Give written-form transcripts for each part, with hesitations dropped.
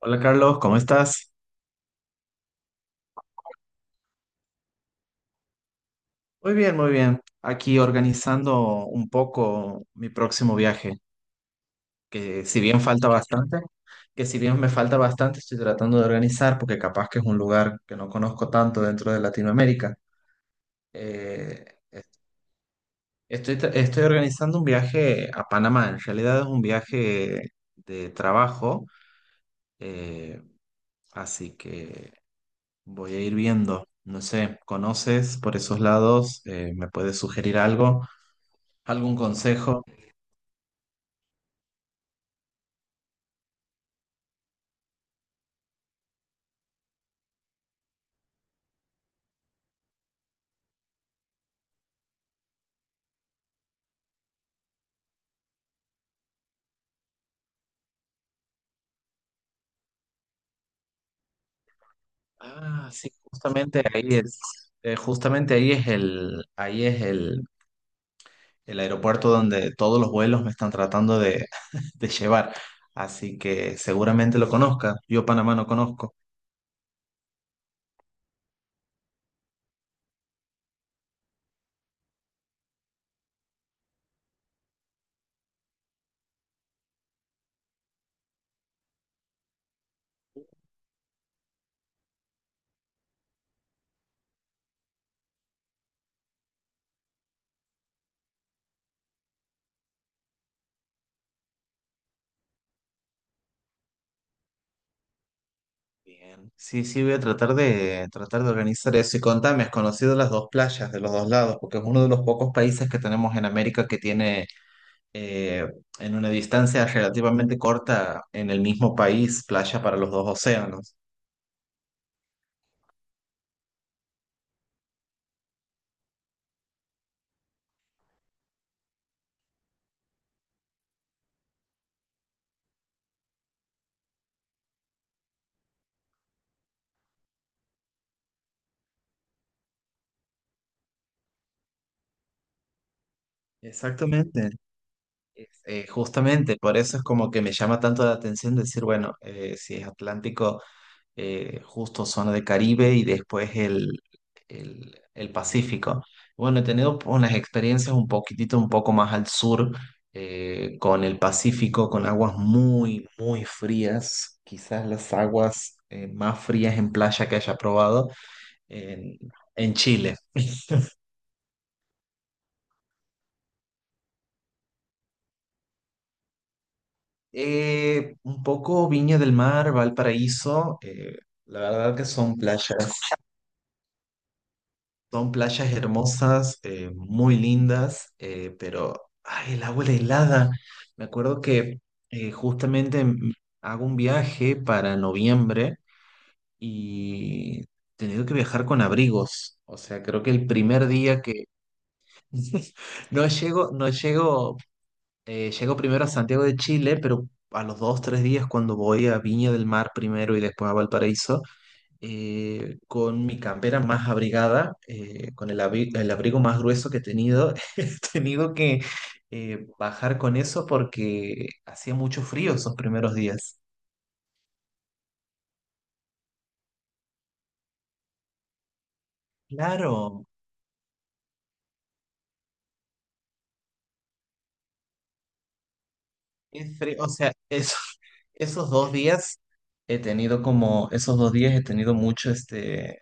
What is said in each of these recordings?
Hola Carlos, ¿cómo estás? Muy bien, muy bien. Aquí organizando un poco mi próximo viaje, que si bien falta bastante, que si bien me falta bastante, estoy tratando de organizar porque capaz que es un lugar que no conozco tanto dentro de Latinoamérica. Eh, Estoy organizando un viaje a Panamá, en realidad es un viaje de trabajo, eh, así que voy a ir viendo. No sé, ¿conoces por esos lados? ¿me puedes sugerir algo? ¿Algún consejo? Ah, sí, justamente ahí es el aeropuerto donde todos los vuelos me están tratando de llevar. Así que seguramente lo conozca. Yo Panamá no conozco. Bien. Sí, sí, voy a tratar de organizar eso. Y contame, ¿has conocido las dos playas de los dos lados? Porque es uno de los pocos países que tenemos en América que tiene eh, en una distancia relativamente corta en el mismo país playa para los dos océanos. Exactamente. Justamente, por eso es como que me llama tanto la atención decir, bueno, si es Atlántico, justo zona de Caribe y después el Pacífico. Bueno, he tenido unas experiencias un poquitito, un poco más al sur, con el Pacífico, con aguas muy, muy frías, quizás las aguas más frías en playa que haya probado en, en Chile. Un poco Viña del Mar, Valparaíso, la verdad que son playas hermosas, muy lindas, pero ay, el agua era helada. Me acuerdo que eh, justamente mm, hago un viaje para noviembre y he tenido que viajar con abrigos. O sea, creo que el primer día que no llego, no llego. Llego primero a Santiago de Chile, pero a los dos, tres días cuando voy a Viña del Mar primero y después a Valparaíso, con mi campera más abrigada, con el abrigo más grueso que he tenido, he tenido que bajar con eso porque hacía mucho frío esos primeros días. Claro, es frío, o sea, eso- esos dos días he tenido como, esos dos días he tenido mucho este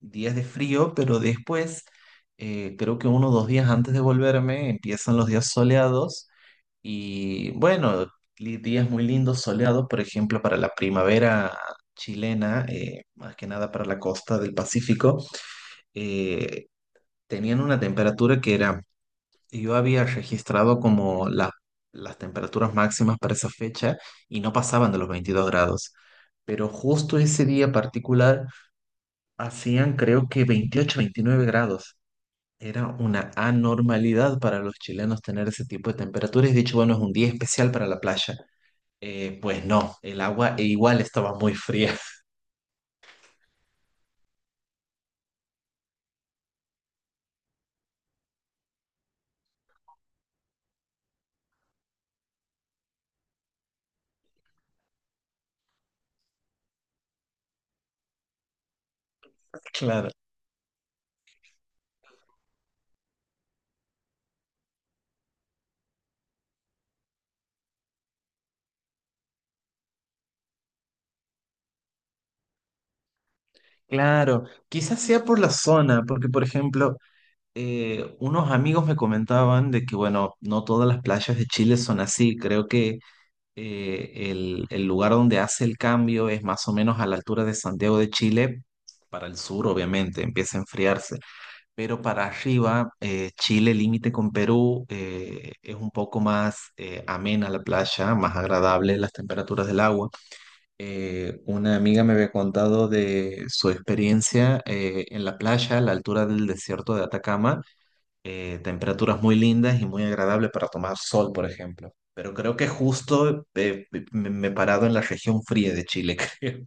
días de frío, pero después, creo que uno o dos días antes de volverme, empiezan los días soleados y bueno, días muy lindos soleados, por ejemplo, para la primavera chilena, más que nada para la costa del Pacífico, eh, tenían una temperatura que era, yo había registrado como las temperaturas máximas para esa fecha y no pasaban de los 22 grados. Pero justo ese día particular hacían creo que 28 29 grados. Era una anormalidad para los chilenos tener ese tipo de temperaturas. Y de hecho, bueno, es un día especial para la playa. Pues no, el agua e igual estaba muy fría. Claro, claro. Quizás sea por la zona, porque por ejemplo, unos amigos me comentaban de que, bueno, no todas las playas de Chile son así. Creo que el lugar donde hace el cambio es más o menos a la altura de Santiago de Chile, para el sur, obviamente, empieza a enfriarse. Pero para arriba, Chile, límite con Perú, es un poco más amena la playa, más agradable las temperaturas del agua. Una amiga me había contado de su experiencia en la playa, a la altura del desierto de Atacama, temperaturas muy lindas y muy agradables para tomar sol, por ejemplo. Pero creo que justo me me he parado en la región fría de Chile, creo.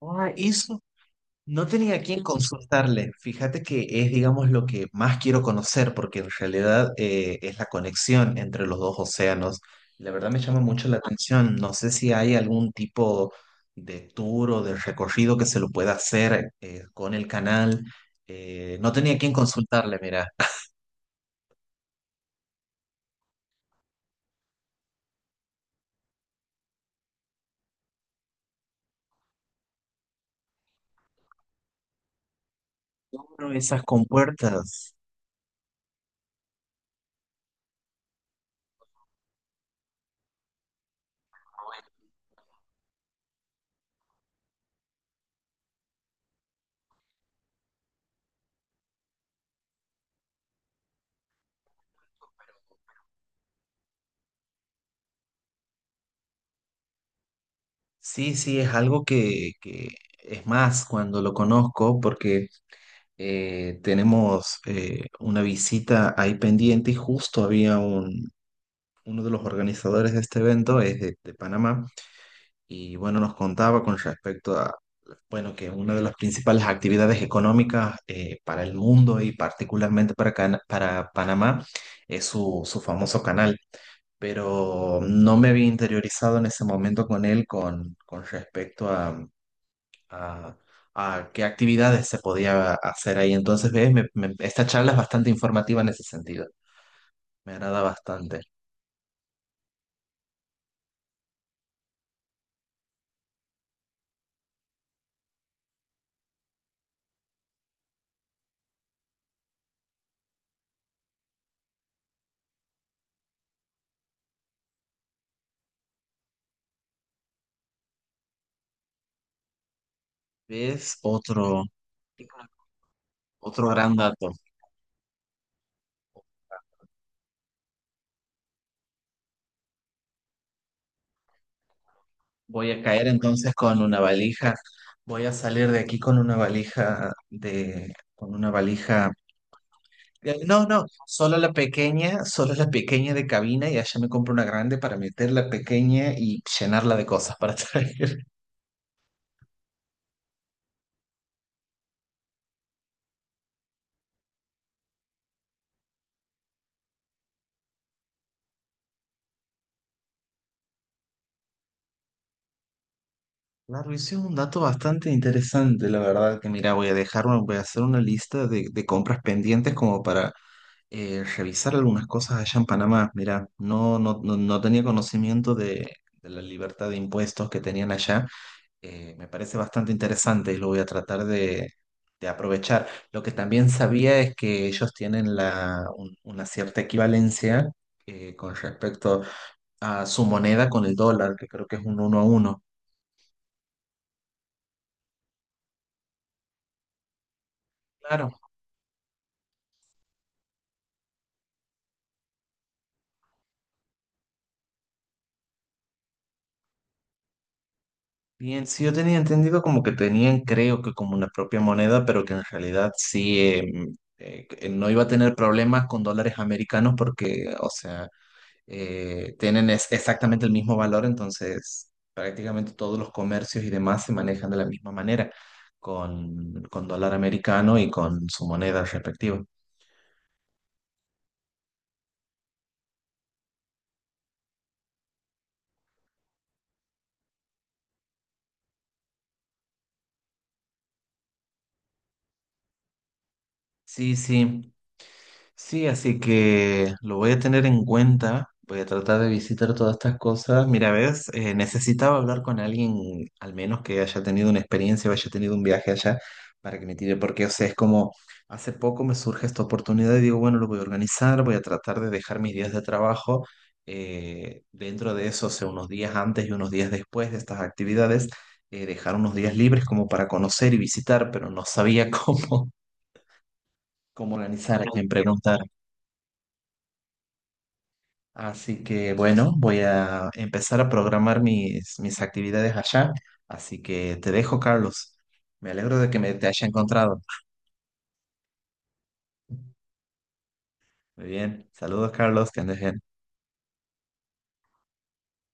Ah, eso no tenía a quién consultarle. Fíjate que es, digamos, lo que más quiero conocer, porque en realidad es la conexión entre los dos océanos. La verdad me llama mucho la atención. No sé si hay algún tipo de tour o de recorrido que se lo pueda hacer con el canal. No tenía a quién consultarle, mira. Abro esas compuertas. Sí, sí, es algo que es más cuando lo conozco, porque tenemos una visita ahí pendiente y justo había un, uno de los organizadores de este evento, es de Panamá, y bueno, nos contaba con respecto a, bueno, que una de las principales actividades económicas para el mundo y particularmente para, para Panamá es su, su famoso canal. Pero no me había interiorizado en ese momento con él con respecto a, a qué actividades se podía hacer ahí. Entonces, ves, esta charla es bastante informativa en ese sentido. Me agrada bastante. ¿Ves? Otro, otro gran dato. Voy a caer entonces con una valija. Voy a salir de aquí con una valija de, con una valija. No, no, solo la pequeña de cabina y allá me compro una grande para meter la pequeña y llenarla de cosas para traer. Claro, ese es un dato bastante interesante, la verdad, que mira, voy a dejar, voy a hacer una lista de compras pendientes como para revisar algunas cosas allá en Panamá. Mira, no, no, no, no tenía conocimiento de la libertad de impuestos que tenían allá. Me parece bastante interesante y lo voy a tratar de aprovechar. Lo que también sabía es que ellos tienen una cierta equivalencia con respecto a su moneda con el dólar, que creo que es un uno a uno. Claro, bien, sí, yo tenía entendido como que tenían, creo que como una propia moneda, pero que en realidad sí que no iba a tener problemas con dólares americanos porque, o sea, tienen exactamente el mismo valor, entonces prácticamente todos los comercios y demás se manejan de la misma manera, con dólar americano y con su moneda respectiva. Sí, sí. Sí, así que lo voy a tener en cuenta. Voy a tratar de visitar todas estas cosas. Mira, ves, necesitaba hablar con alguien, al menos que haya tenido una experiencia o haya tenido un viaje allá, para que me tire, porque, o sea, es como, hace poco me surge esta oportunidad y digo, bueno, lo voy a organizar, voy a tratar de dejar mis días de trabajo dentro de eso, o sea, unos días antes y unos días después de estas actividades, dejar unos días libres como para conocer y visitar, pero no sabía cómo, cómo organizar, a quién preguntar. Así que bueno, voy a empezar a programar mis, mis actividades allá. Así que te dejo, Carlos. Me alegro de que me te haya encontrado. Muy bien. Saludos, Carlos, que andes bien.